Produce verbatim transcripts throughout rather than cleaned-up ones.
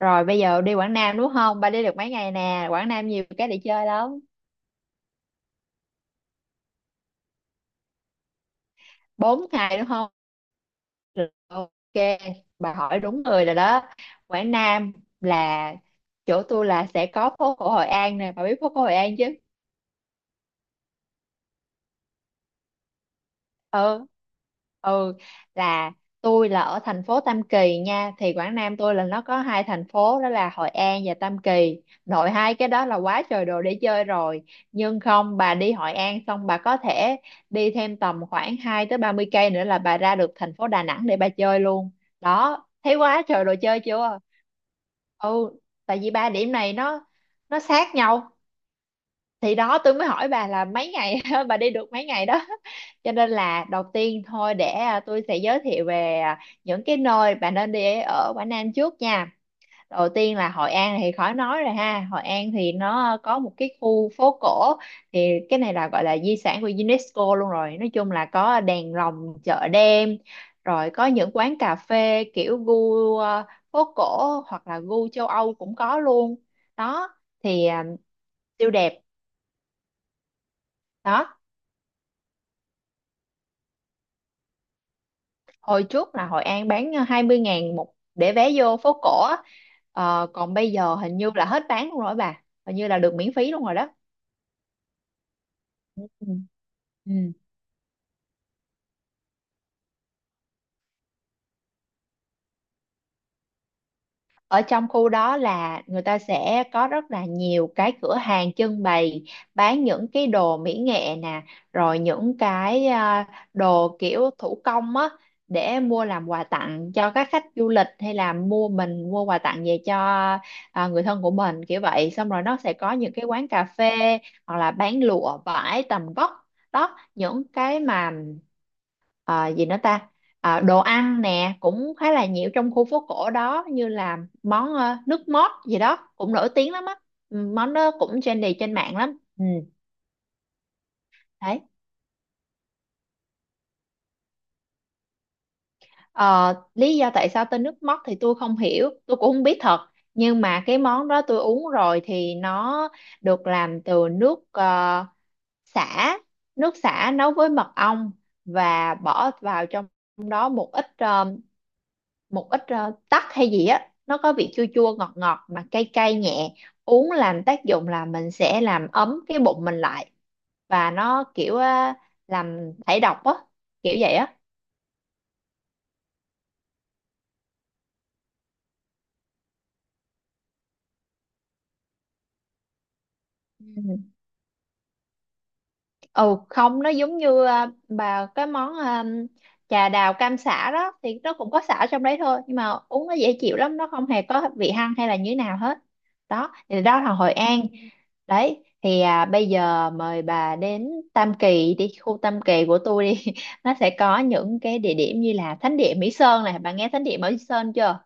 Rồi bây giờ đi Quảng Nam đúng không? Ba đi được mấy ngày nè, Quảng Nam nhiều cái để chơi lắm. Bốn ngày đúng không? Được, ok, bà hỏi đúng người rồi đó. Quảng Nam là chỗ tôi là sẽ có phố cổ Hội An nè, bà biết phố cổ Hội An chứ? Ừ, ừ, là tôi là ở thành phố Tam Kỳ nha. Thì Quảng Nam tôi là nó có hai thành phố, đó là Hội An và Tam Kỳ, nội hai cái đó là quá trời đồ để chơi rồi. Nhưng không, bà đi Hội An xong bà có thể đi thêm tầm khoảng hai tới ba mươi cây nữa là bà ra được thành phố Đà Nẵng để bà chơi luôn đó, thấy quá trời đồ chơi chưa? Ừ, tại vì ba điểm này nó nó sát nhau. Thì đó tôi mới hỏi bà là mấy ngày bà đi được mấy ngày đó, cho nên là đầu tiên thôi, để à, tôi sẽ giới thiệu về à, những cái nơi bà nên đi ở Quảng Nam trước nha. Đầu tiên là Hội An thì khỏi nói rồi ha, Hội An thì nó có một cái khu phố cổ, thì cái này là gọi là di sản của UNESCO luôn rồi, nói chung là có đèn lồng, chợ đêm, rồi có những quán cà phê kiểu gu à, phố cổ hoặc là gu châu Âu cũng có luôn đó. Thì à, siêu đẹp. Đó, hồi trước là Hội An bán hai mươi ngàn một để vé vô phố cổ á. Ờ, còn bây giờ hình như là hết bán luôn rồi bà, hình như là được miễn phí luôn rồi đó. Ừ. Ừ. Ở trong khu đó là người ta sẽ có rất là nhiều cái cửa hàng trưng bày, bán những cái đồ mỹ nghệ nè, rồi những cái à, đồ kiểu thủ công á, để mua làm quà tặng cho các khách du lịch, hay là mua mình mua quà tặng về cho à, người thân của mình kiểu vậy. Xong rồi nó sẽ có những cái quán cà phê hoặc là bán lụa vải tầm vóc đó, những cái mà à, gì nữa ta à, đồ ăn nè cũng khá là nhiều trong khu phố cổ đó, như là món ờ, nước mót gì đó cũng nổi tiếng lắm á. Ừ, món đó cũng trendy trên mạng lắm. Ừ, đấy. Ờ, lý do tại sao tên nước mót thì tôi không hiểu, tôi cũng không biết thật, nhưng mà cái món đó tôi uống rồi thì nó được làm từ nước ờ, sả, nước sả nấu với mật ong, và bỏ vào trong đó một ít ờ, một ít ờ, tắc hay gì á. Nó có vị chua chua ngọt ngọt mà cay cay nhẹ, uống làm tác dụng là mình sẽ làm ấm cái bụng mình lại, và nó kiểu ờ, làm thải độc á, kiểu vậy á. Ừ. Ừ không, nó giống như à, bà cái món à, trà đào cam xả đó thì nó cũng có xả trong đấy thôi, nhưng mà uống nó dễ chịu lắm, nó không hề có vị hăng hay là như thế nào hết. Đó thì đó là Hội An. Đấy, thì à, bây giờ mời bà đến Tam Kỳ đi, khu Tam Kỳ của tôi đi nó sẽ có những cái địa điểm như là Thánh địa Mỹ Sơn này, bà nghe Thánh địa Mỹ Sơn chưa?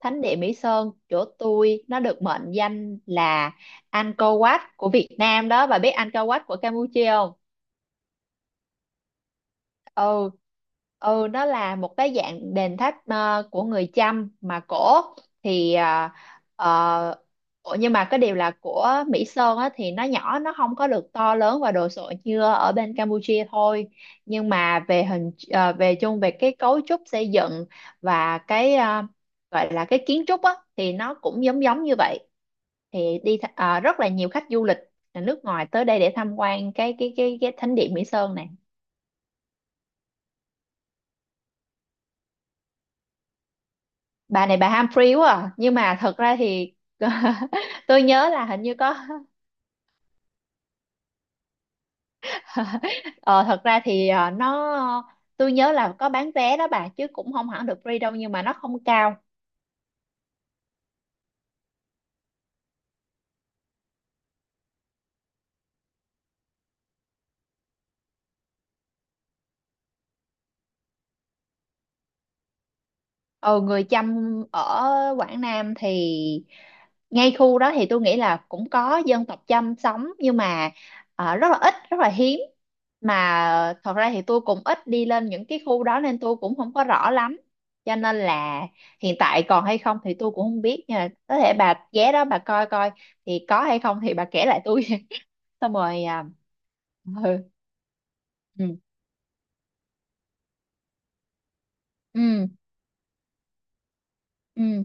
Thánh địa Mỹ Sơn chỗ tôi nó được mệnh danh là Angkor Wat của Việt Nam đó, bà biết Angkor Wat của Campuchia không? Ừ, ừ, nó là một cái dạng đền tháp ờ, của người Chăm mà cổ. Thì ờ, ờ, ủa, nhưng mà cái điều là của Mỹ Sơn á, thì nó nhỏ, nó không có được to lớn và đồ sộ như ở bên Campuchia thôi, nhưng mà về hình ờ, về chung về cái cấu trúc xây dựng và cái ờ, gọi là cái kiến trúc á, thì nó cũng giống giống như vậy. Thì đi th- ờ, rất là nhiều khách du lịch là nước ngoài tới đây để tham quan cái cái cái cái thánh điện Mỹ Sơn này. Bà này bà ham free quá à. Nhưng mà thật ra thì tôi nhớ là hình như có. ờ, Thật ra thì ờ, nó tôi nhớ là có bán vé đó bà, chứ cũng không hẳn được free đâu, nhưng mà nó không cao. Ừ, người Chăm ở Quảng Nam thì ngay khu đó thì tôi nghĩ là cũng có dân tộc Chăm sống, nhưng mà ờ, rất là ít, rất là hiếm. Mà thật ra thì tôi cũng ít đi lên những cái khu đó nên tôi cũng không có rõ lắm, cho nên là hiện tại còn hay không thì tôi cũng không biết, nhưng mà có thể bà ghé đó bà coi coi, thì có hay không thì bà kể lại tôi. Xong rồi à, ừ, ừ, ừ, ừ.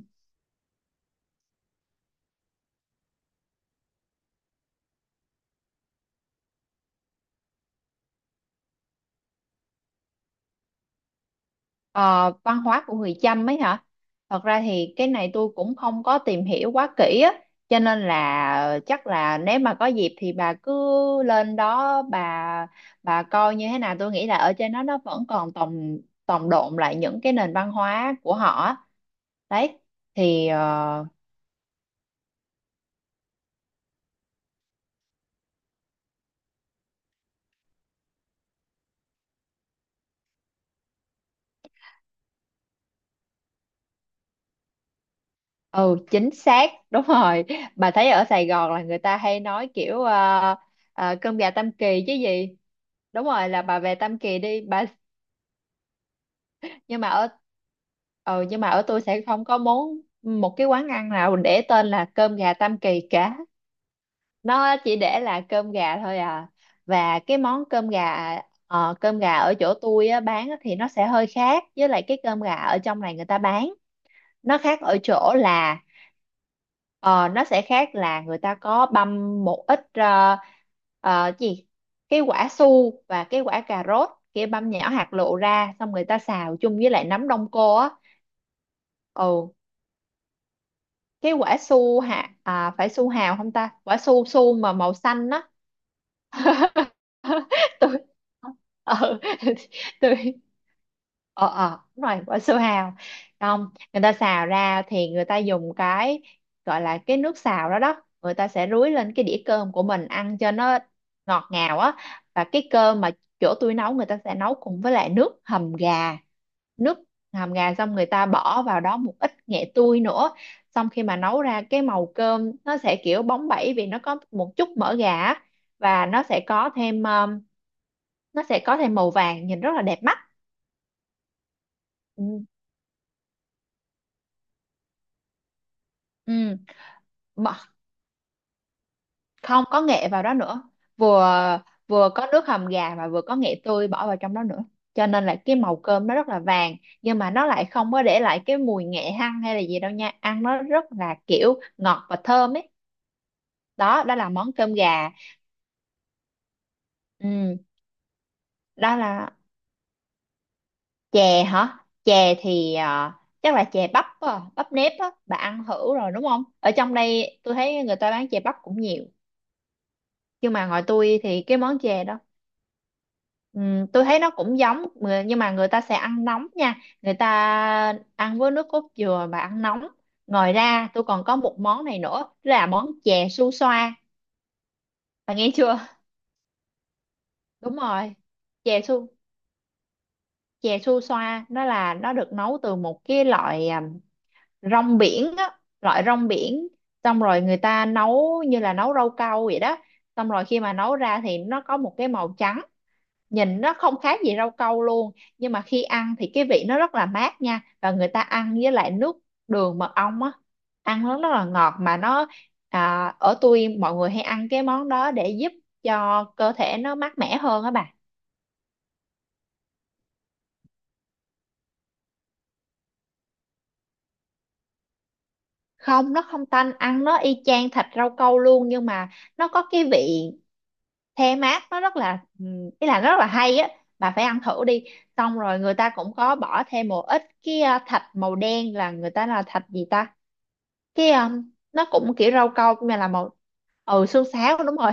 Ờ, văn hóa của người Chăm ấy hả? Thật ra thì cái này tôi cũng không có tìm hiểu quá kỹ á, cho nên là chắc là nếu mà có dịp thì bà cứ lên đó bà bà coi như thế nào. Tôi nghĩ là ở trên đó nó vẫn còn tồn tồn đọng lại những cái nền văn hóa của họ á. Đấy, thì ờ, ừ chính xác đúng rồi. Bà thấy ở Sài Gòn là người ta hay nói kiểu ờ, ờ, cơm gà Tam Kỳ chứ gì? Đúng rồi, là bà về Tam Kỳ đi, bà. Nhưng mà ở Ừ, nhưng mà ở tôi sẽ không có món một cái quán ăn nào để tên là cơm gà Tam Kỳ cả, nó chỉ để là cơm gà thôi à. Và cái món cơm gà, ờ, cơm gà ở chỗ tôi á, bán á, thì nó sẽ hơi khác với lại cái cơm gà ở trong này người ta bán. Nó khác ở chỗ là ờ, nó sẽ khác là người ta có băm một ít ờ, ờ, gì cái quả su và cái quả cà rốt kia, băm nhỏ hạt lựu ra, xong người ta xào chung với lại nấm đông cô á. Ừ, cái quả su hạt à, phải su hào không ta, quả su su mà màu xanh á. tôi ờ tôi ờ ờ đúng rồi, quả su hào. Không, người ta xào ra thì người ta dùng cái gọi là cái nước xào đó đó, người ta sẽ rưới lên cái đĩa cơm của mình ăn cho nó ngọt ngào á. Và cái cơm mà chỗ tôi nấu, người ta sẽ nấu cùng với lại nước hầm gà, nước hầm gà, xong người ta bỏ vào đó một ít nghệ tươi nữa. Xong khi mà nấu ra cái màu cơm nó sẽ kiểu bóng bẩy, vì nó có một chút mỡ gà á, và nó sẽ có thêm um, nó sẽ có thêm màu vàng, nhìn rất là đẹp mắt. Ừ. Ừ. Mà không có nghệ vào đó nữa, vừa vừa có nước hầm gà và vừa có nghệ tươi bỏ vào trong đó nữa, cho nên là cái màu cơm nó rất là vàng, nhưng mà nó lại không có để lại cái mùi nghệ hăng hay là gì đâu nha, ăn nó rất là kiểu ngọt và thơm ấy. Đó, đó là món cơm gà. Ừ. Đó là chè hả? Chè thì à, chắc là chè bắp á, bắp nếp á, bà ăn thử rồi đúng không, ở trong đây tôi thấy người ta bán chè bắp cũng nhiều. Nhưng mà ngoài tôi thì cái món chè đó, ừm, tôi thấy nó cũng giống người- nhưng mà người ta sẽ ăn nóng nha, người ta ăn với nước cốt dừa và ăn nóng. Ngoài ra tôi còn có một món này nữa là món chè su xoa, bà nghe chưa? Đúng rồi, chè su chè su xoa, nó là nó được nấu từ một cái loại à, rong biển á, loại rong biển, xong rồi người ta nấu như là nấu rau câu vậy đó. Xong rồi khi mà nấu ra thì nó có một cái màu trắng, nhìn nó không khác gì rau câu luôn, nhưng mà khi ăn thì cái vị nó rất là mát nha, và người ta ăn với lại nước đường mật ong á, ăn nó rất là ngọt. Mà nó à, ở tôi mọi người hay ăn cái món đó để giúp cho cơ thể nó mát mẻ hơn á bà. Không, nó không tanh, ăn nó y chang thịt rau câu luôn, nhưng mà nó có cái vị the mát, nó rất là ừ, ý là nó rất là hay á, bà phải ăn thử đi. Xong rồi người ta cũng có bỏ thêm một ít cái ờ, thạch màu đen, là người ta là thạch gì ta, cái ờ, nó cũng kiểu rau câu nhưng mà là màu. Ừ, xương sáo đúng rồi.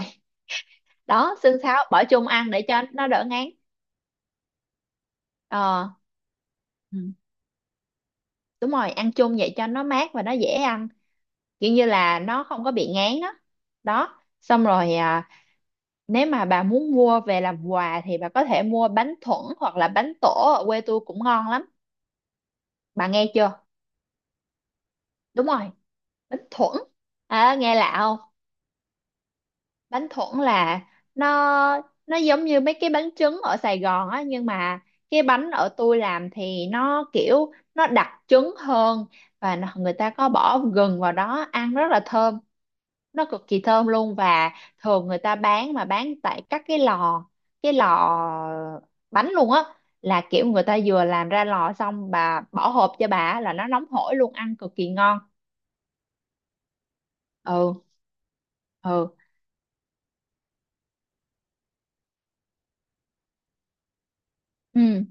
Đó, xương sáo bỏ chung ăn để cho nó đỡ ngán. Ờ. Ừ. Đúng rồi, ăn chung vậy cho nó mát và nó dễ ăn, kiểu như là nó không có bị ngán á. Đó. Xong rồi à, nếu mà bà muốn mua về làm quà thì bà có thể mua bánh thuẫn hoặc là bánh tổ, ở quê tôi cũng ngon lắm, bà nghe chưa? Đúng rồi, bánh thuẫn. à, nghe lạ không? Bánh thuẫn là nó nó giống như mấy cái bánh trứng ở Sài Gòn á, nhưng mà cái bánh ở tôi làm thì nó kiểu nó đặc trứng hơn, và nó- người ta có bỏ gừng vào đó ăn rất là thơm, nó cực kỳ thơm luôn. Và thường người ta bán mà bán tại các cái lò cái lò bánh luôn á, là kiểu người ta vừa làm ra lò xong bà bỏ hộp cho bà á, là nó nóng hổi luôn, ăn cực kỳ ngon. Ừ. Ừ. Ừ.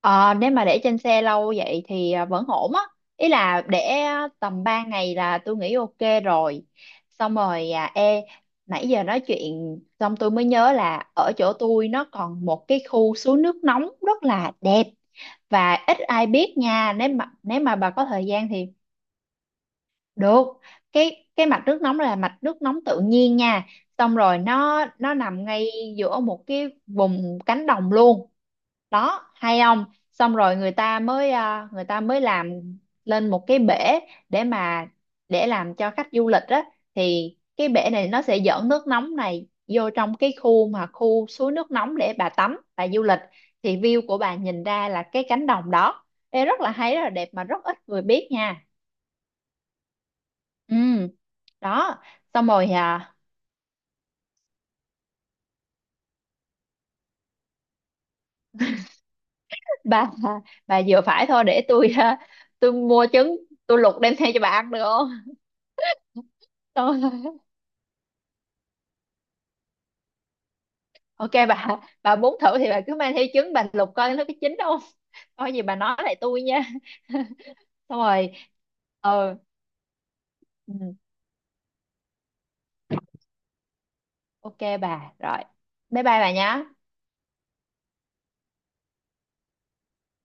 Ờ, nếu mà để trên xe lâu vậy thì à, vẫn ổn á, ý là để à, tầm ba ngày là tôi nghĩ ok rồi. Xong rồi à ê nãy giờ nói chuyện xong tôi mới nhớ là ở chỗ tôi nó còn một cái khu suối nước nóng rất là đẹp và ít ai biết nha, nếu mà nếu mà bà có thời gian thì được. Cái cái mạch nước nóng là mạch nước nóng tự nhiên nha, xong rồi nó nó nằm ngay giữa một cái vùng cánh đồng luôn đó hay không. Xong rồi người ta mới à, người ta mới làm lên một cái bể để mà để làm cho khách du lịch á, thì cái bể này nó sẽ dẫn nước nóng này vô trong cái khu mà khu suối nước nóng để bà tắm bà du lịch. Thì view của bà nhìn ra là cái cánh đồng đó. Ê, rất là hay, rất là đẹp mà rất ít người biết nha. Ừ. Đó. Xong rồi à, bà bà vừa phải thôi, để tôi à, tôi mua trứng tôi luộc đem theo cho bà ăn được không? Ok bà bà muốn thử thì bà cứ mang theo trứng, bà lục coi nó có chín không, coi gì bà nói lại tôi nha. Xong rồi ừ, ừ, ok bà. Rồi, bye bye bà nhé.